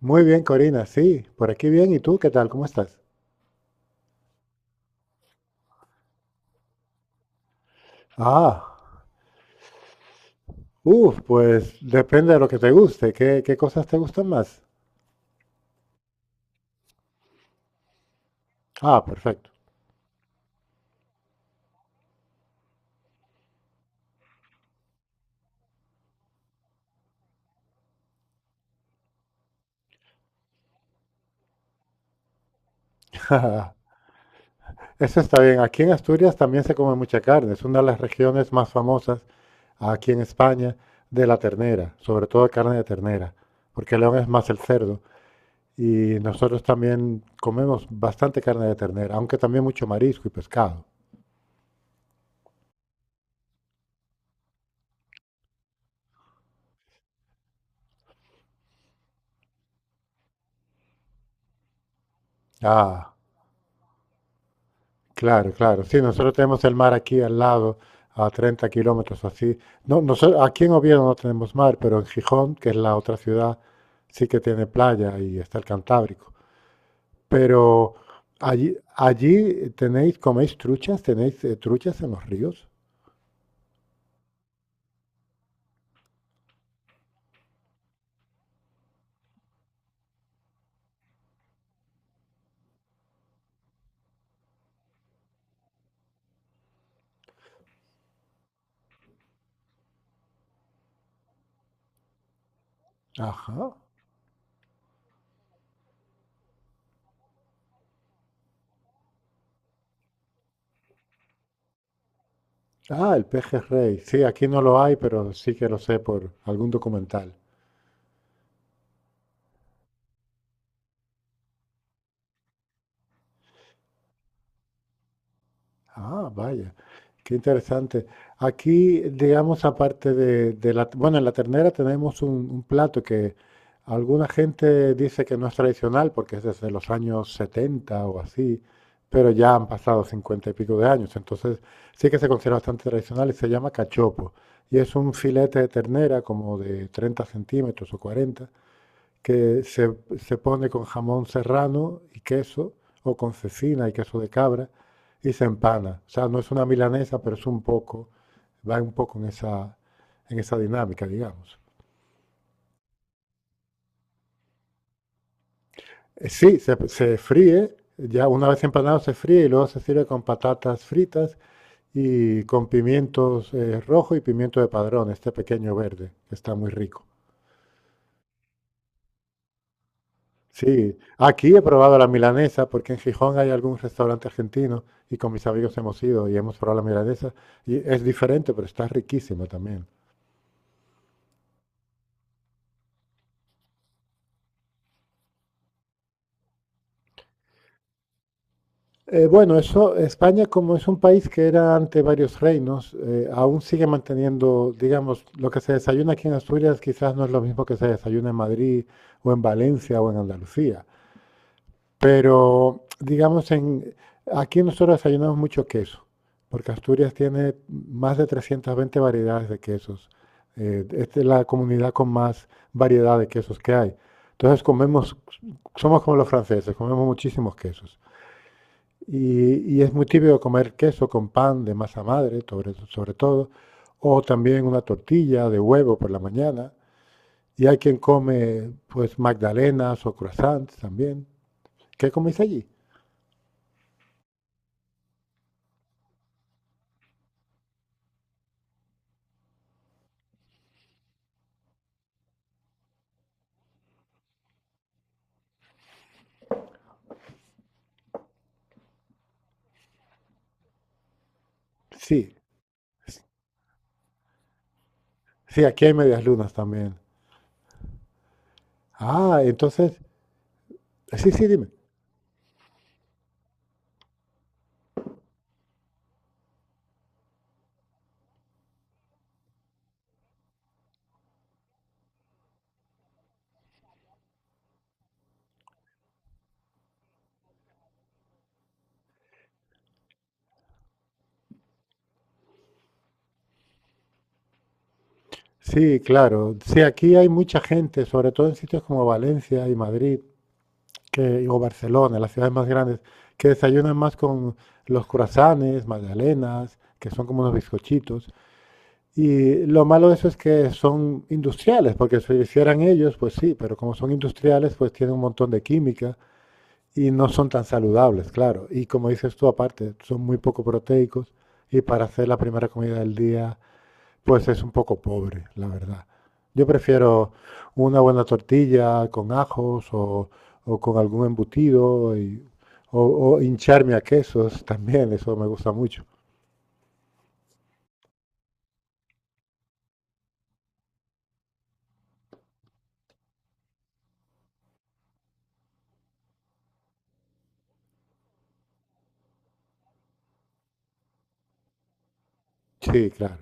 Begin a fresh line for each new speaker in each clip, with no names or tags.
Muy bien, Corina, sí, por aquí bien. ¿Y tú qué tal? ¿Cómo estás? Ah, uff, pues depende de lo que te guste. ¿Qué cosas te gustan más? Ah, perfecto. Eso está bien. Aquí en Asturias también se come mucha carne. Es una de las regiones más famosas aquí en España de la ternera, sobre todo carne de ternera, porque León es más el cerdo. Y nosotros también comemos bastante carne de ternera, aunque también mucho marisco y pescado. Ah. Claro, claro. Sí, nosotros tenemos el mar aquí al lado, a 30 kilómetros o así. No, nosotros, aquí en Oviedo no tenemos mar, pero en Gijón, que es la otra ciudad, sí que tiene playa y está el Cantábrico. Pero allí tenéis, coméis truchas, tenéis truchas en los ríos. Ajá. Ah, el pejerrey. Sí, aquí no lo hay, pero sí que lo sé por algún documental. Ah, vaya, qué interesante. Aquí, digamos, aparte de la, bueno, en la ternera tenemos un plato que alguna gente dice que no es tradicional porque es desde los años 70 o así, pero ya han pasado 50 y pico de años, entonces sí que se considera bastante tradicional y se llama cachopo. Y es un filete de ternera como de 30 centímetros o 40 que se pone con jamón serrano y queso, o con cecina y queso de cabra, y se empana. O sea, no es una milanesa, pero es un poco, va un poco en esa dinámica, digamos. Sí, se fríe, ya una vez empanado se fríe y luego se sirve con patatas fritas y con pimientos rojo y pimiento de padrón, este pequeño verde, que está muy rico. Sí, aquí he probado la milanesa porque en Gijón hay algún restaurante argentino y con mis amigos hemos ido y hemos probado la milanesa y es diferente, pero está riquísima también. Bueno, eso, España como es un país que era ante varios reinos, aún sigue manteniendo, digamos, lo que se desayuna aquí en Asturias quizás no es lo mismo que se desayuna en Madrid o en Valencia o en Andalucía. Pero, digamos, en, aquí nosotros desayunamos mucho queso, porque Asturias tiene más de 320 variedades de quesos. Esta es la comunidad con más variedad de quesos que hay. Entonces comemos, somos como los franceses, comemos muchísimos quesos. Y es muy típico comer queso con pan de masa madre, sobre todo, o también una tortilla de huevo por la mañana. Y hay quien come, pues, magdalenas o croissants también. ¿Qué coméis allí? Sí, sí, aquí hay medias lunas también. Ah, entonces, sí, sí, dime. Sí, claro. Sí, aquí hay mucha gente, sobre todo en sitios como Valencia y Madrid, que, o Barcelona, las ciudades más grandes, que desayunan más con los croissants, magdalenas, que son como unos bizcochitos. Y lo malo de eso es que son industriales, porque si lo hicieran ellos, pues sí, pero como son industriales, pues tienen un montón de química y no son tan saludables, claro. Y como dices tú, aparte, son muy poco proteicos y para hacer la primera comida del día, pues es un poco pobre, la verdad. Yo prefiero una buena tortilla con ajos o con algún embutido y- o, o hincharme a quesos también, eso me gusta mucho. Sí, claro.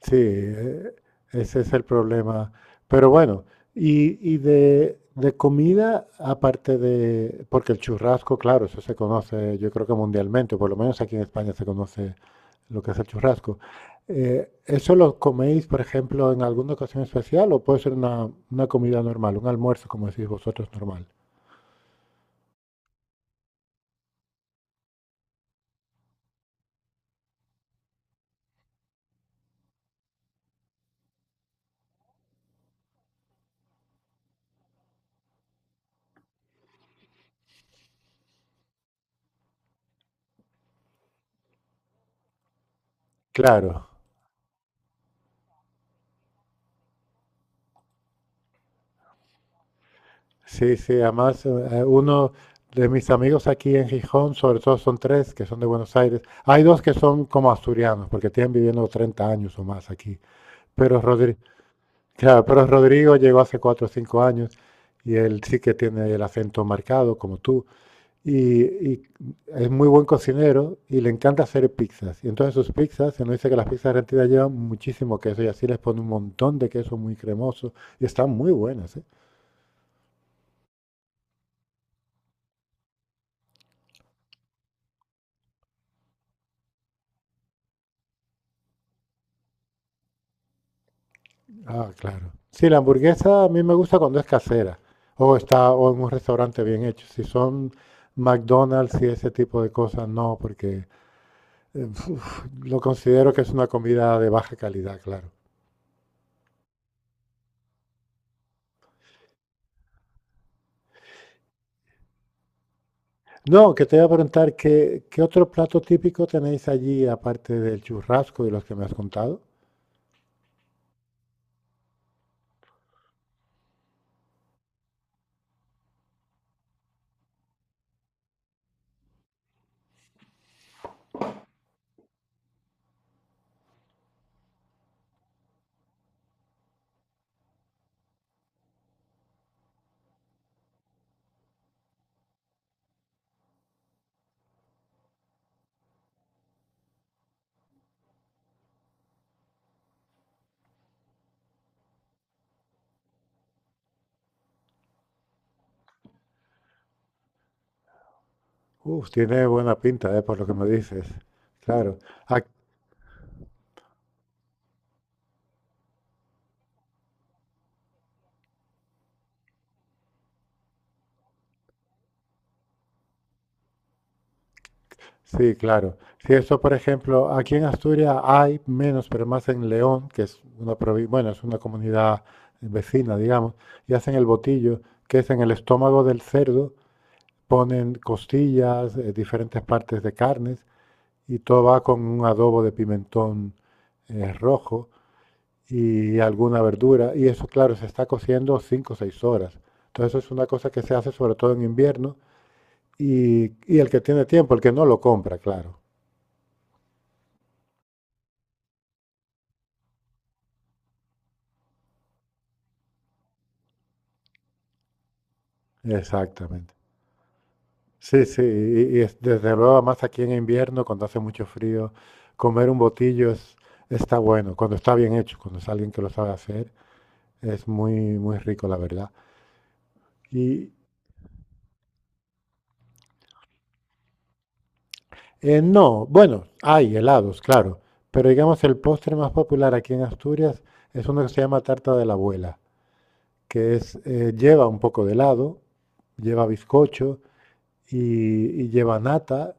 Sí, ese es el problema. Pero bueno, y de comida, aparte de, porque el churrasco, claro, eso se conoce, yo creo que mundialmente, o por lo menos aquí en España se conoce lo que es el churrasco. ¿Eso lo coméis, por ejemplo, en alguna ocasión especial o puede ser una comida normal, un almuerzo, como decís vosotros, normal? Claro. Sí, sí, además uno de mis amigos aquí en Gijón, sobre todo son tres que son de Buenos Aires. Hay dos que son como asturianos, porque tienen viviendo 30 años o más aquí. Pero Rodrigo, claro, pero Rodrigo llegó hace 4 o 5 años y él sí que tiene el acento marcado, como tú. Y es muy buen cocinero y le encanta hacer pizzas. Y entonces sus pizzas, se nos dice que las pizzas argentinas llevan muchísimo queso y así les pone un montón de queso muy cremoso y están muy buenas, ¿eh? Ah, claro. Sí, la hamburguesa a mí me gusta cuando es casera o está o en un restaurante bien hecho. Si son McDonald's y ese tipo de cosas, no, porque eh, lo considero que es una comida de baja calidad, claro. No, que te iba a preguntar, ¿qué otro plato típico tenéis allí aparte del churrasco y los que me has contado? Uf, tiene buena pinta, por lo que me dices. Claro. Sí, claro. Si eso, por ejemplo, aquí en Asturias hay menos, pero más en León, que es una provi- bueno, es una comunidad vecina, digamos, y hacen el botillo, que es en el estómago del cerdo, ponen costillas, diferentes partes de carnes, y todo va con un adobo de pimentón rojo y alguna verdura, y eso, claro, se está cociendo 5 o 6 horas. Entonces, eso es una cosa que se hace sobre todo en invierno, y el que tiene tiempo, el que no lo compra, claro. Exactamente. Sí, sí, y es, desde luego, más aquí en invierno, cuando hace mucho frío, comer un botillo es, está bueno, cuando está bien hecho, cuando es alguien que lo sabe hacer, es muy, muy rico, la verdad. Y no, bueno, hay helados, claro, pero digamos el postre más popular aquí en Asturias es uno que se llama tarta de la abuela, que es, lleva un poco de helado, lleva bizcocho y, y lleva nata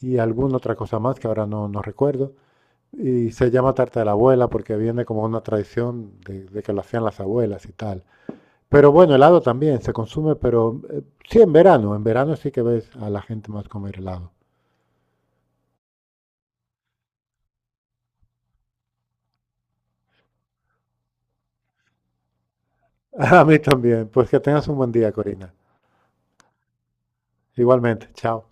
y alguna otra cosa más que ahora no recuerdo. Y se llama tarta de la abuela porque viene como una tradición de que lo hacían las abuelas y tal. Pero bueno, helado también se consume, pero sí en verano. En verano sí que ves a la gente más comer helado. A mí también. Pues que tengas un buen día, Corina. Igualmente. Chao.